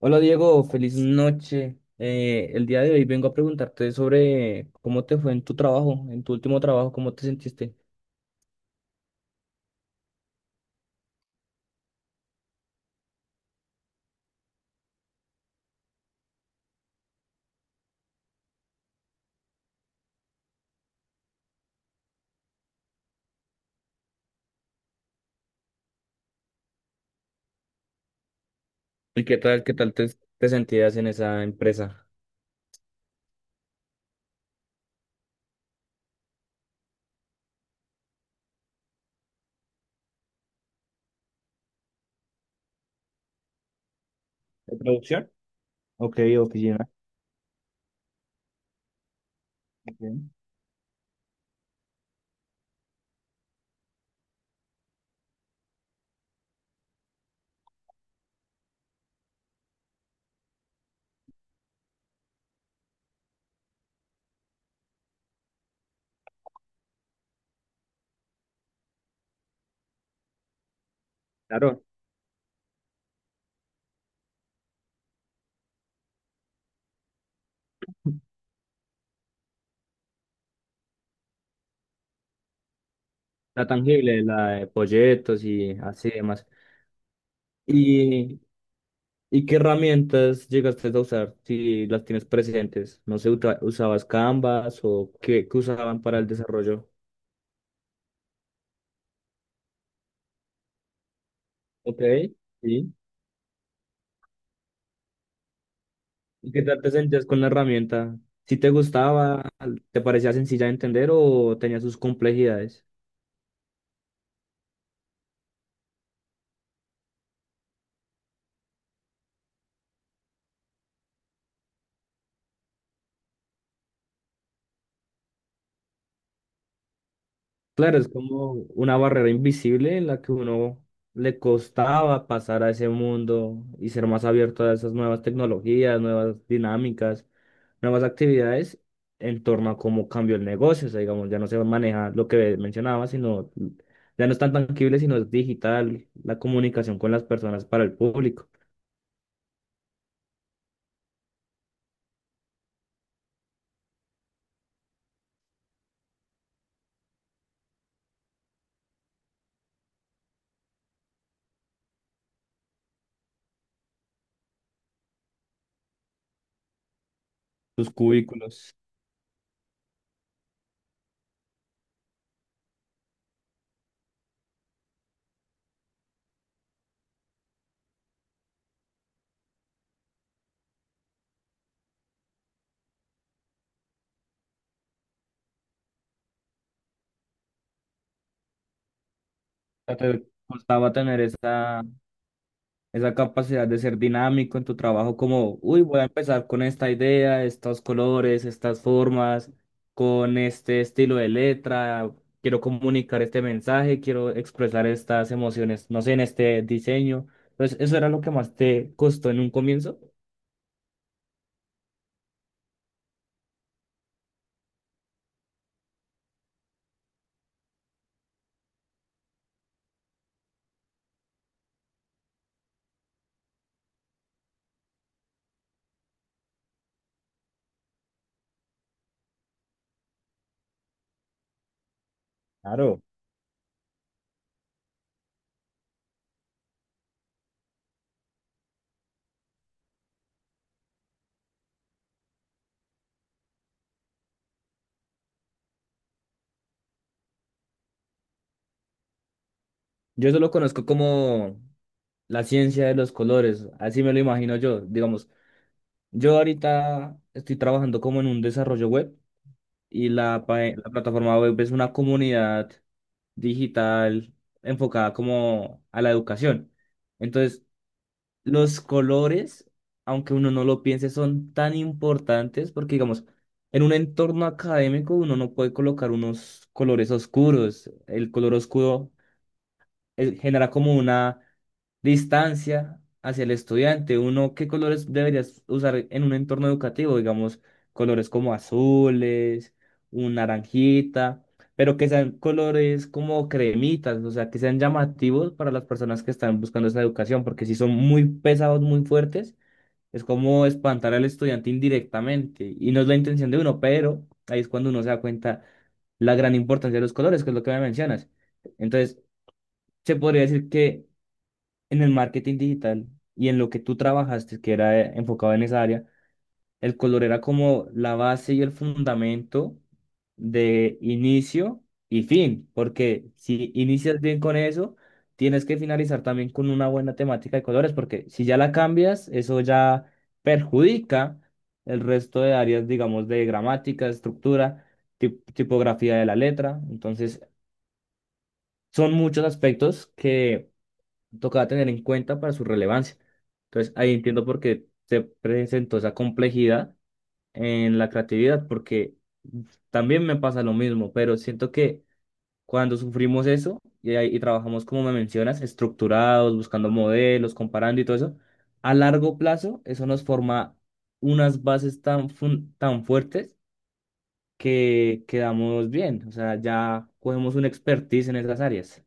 Hola Diego, feliz noche. El día de hoy vengo a preguntarte sobre cómo te fue en tu trabajo, en tu último trabajo, cómo te sentiste y qué tal, te sentías en esa empresa. Claro, la tangible, la de proyectos y así demás. ¿Y, y qué herramientas llegaste a usar si las tienes presentes? No sé, ¿usabas Canvas o qué, qué usaban para el desarrollo? Ok, sí. ¿Y qué tal te sentías con la herramienta? ¿Si te gustaba, te parecía sencilla de entender o tenía sus complejidades? Claro, es como una barrera invisible en la que uno le costaba pasar a ese mundo y ser más abierto a esas nuevas tecnologías, nuevas dinámicas, nuevas actividades en torno a cómo cambió el negocio. O sea, digamos, ya no se maneja lo que mencionaba, sino ya no es tan tangible, sino es digital, la comunicación con las personas para el público, sus cubículos. Sea, te costaba tener esa, esa capacidad de ser dinámico en tu trabajo, como, uy, voy a empezar con esta idea, estos colores, estas formas, con este estilo de letra, quiero comunicar este mensaje, quiero expresar estas emociones, no sé, en este diseño. Entonces, ¿eso era lo que más te costó en un comienzo? Claro. Yo eso lo conozco como la ciencia de los colores, así me lo imagino yo. Digamos, yo ahorita estoy trabajando como en un desarrollo web. Y la, la plataforma web es una comunidad digital enfocada como a la educación. Entonces, los colores, aunque uno no lo piense, son tan importantes porque, digamos, en un entorno académico uno no puede colocar unos colores oscuros. El color oscuro genera como una distancia hacia el estudiante. Uno, ¿qué colores deberías usar en un entorno educativo? Digamos, colores como azules, un naranjita, pero que sean colores como cremitas, o sea, que sean llamativos para las personas que están buscando esa educación, porque si son muy pesados, muy fuertes, es como espantar al estudiante indirectamente. Y no es la intención de uno, pero ahí es cuando uno se da cuenta la gran importancia de los colores, que es lo que me mencionas. Entonces, se podría decir que en el marketing digital y en lo que tú trabajaste, que era enfocado en esa área, el color era como la base y el fundamento de inicio y fin, porque si inicias bien con eso, tienes que finalizar también con una buena temática de colores, porque si ya la cambias, eso ya perjudica el resto de áreas, digamos, de gramática, estructura, tipografía de la letra. Entonces, son muchos aspectos que tocaba tener en cuenta para su relevancia. Entonces, ahí entiendo por qué se presentó esa complejidad en la creatividad, porque también me pasa lo mismo, pero siento que cuando sufrimos eso y trabajamos, como me mencionas, estructurados, buscando modelos, comparando y todo eso, a largo plazo eso nos forma unas bases tan, tan fuertes que quedamos bien, o sea, ya cogemos una expertise en esas áreas.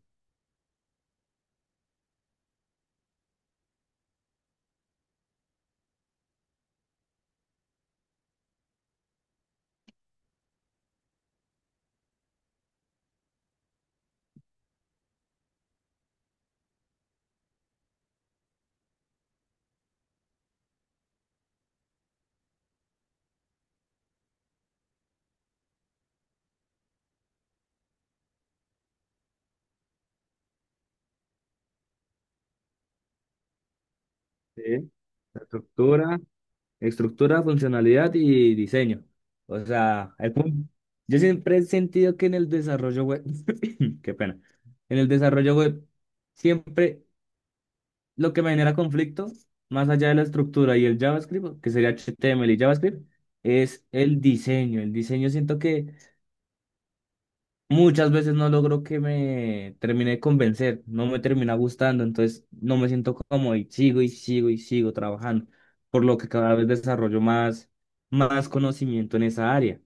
Sí, la estructura. Estructura, funcionalidad y diseño. O sea, yo siempre he sentido que en el desarrollo web, qué pena, en el desarrollo web, siempre lo que me genera conflicto, más allá de la estructura y el JavaScript, que sería HTML y JavaScript, es el diseño. El diseño siento que muchas veces no logro que me termine de convencer, no me termina gustando, entonces no me siento cómodo y sigo y sigo y sigo trabajando, por lo que cada vez desarrollo más, más conocimiento en esa área,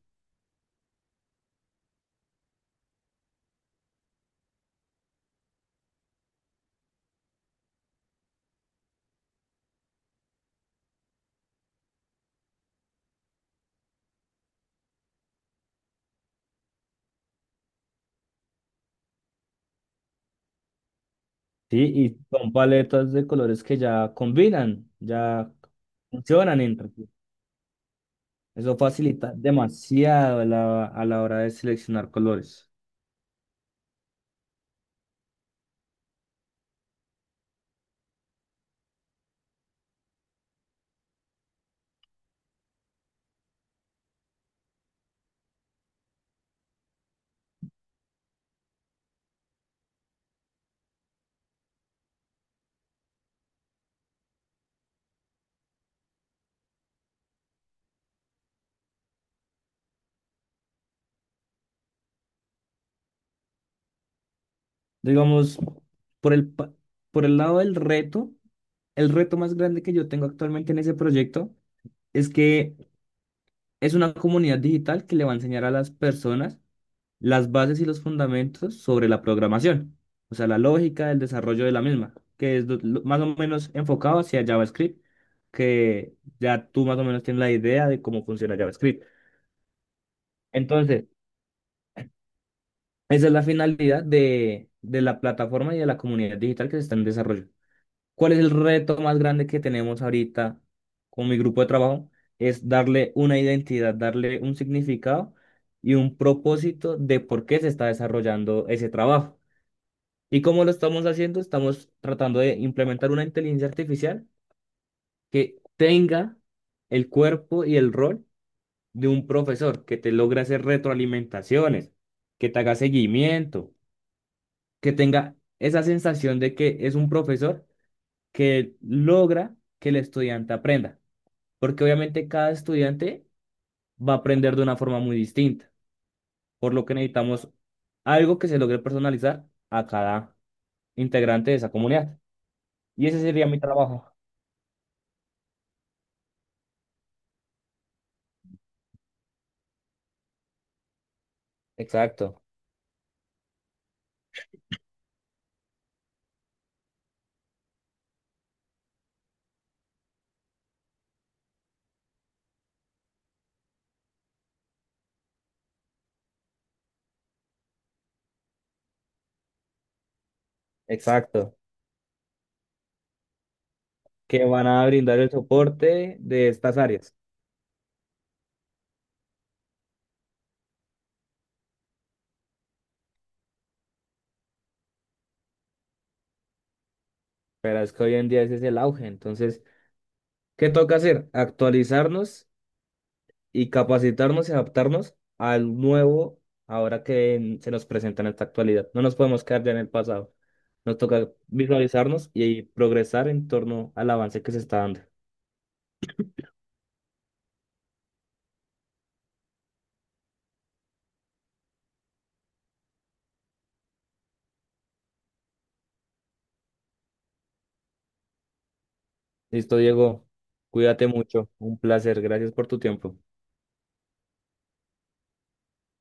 ¿sí? Y son paletas de colores que ya combinan, ya funcionan entre sí. Eso facilita demasiado a la hora de seleccionar colores. Digamos, por el, por el lado del reto, el reto más grande que yo tengo actualmente en ese proyecto es que es una comunidad digital que le va a enseñar a las personas las bases y los fundamentos sobre la programación, o sea, la lógica del desarrollo de la misma, que es más o menos enfocado hacia JavaScript, que ya tú más o menos tienes la idea de cómo funciona JavaScript. Entonces, esa es la finalidad de la plataforma y de la comunidad digital que se está en desarrollo. ¿Cuál es el reto más grande que tenemos ahorita con mi grupo de trabajo? Es darle una identidad, darle un significado y un propósito de por qué se está desarrollando ese trabajo. ¿Y cómo lo estamos haciendo? Estamos tratando de implementar una inteligencia artificial que tenga el cuerpo y el rol de un profesor, que te logre hacer retroalimentaciones, que te haga seguimiento, que tenga esa sensación de que es un profesor que logra que el estudiante aprenda. Porque obviamente cada estudiante va a aprender de una forma muy distinta, por lo que necesitamos algo que se logre personalizar a cada integrante de esa comunidad. Y ese sería mi trabajo. Exacto, exacto. Que van a brindar el soporte de estas áreas. Pero es que hoy en día ese es el auge. Entonces, ¿qué toca hacer? Actualizarnos y capacitarnos y adaptarnos al nuevo ahora que se nos presenta en esta actualidad. No nos podemos quedar ya en el pasado. Nos toca visualizarnos y progresar en torno al avance que se está dando. Listo, Diego. Cuídate mucho. Un placer. Gracias por tu tiempo.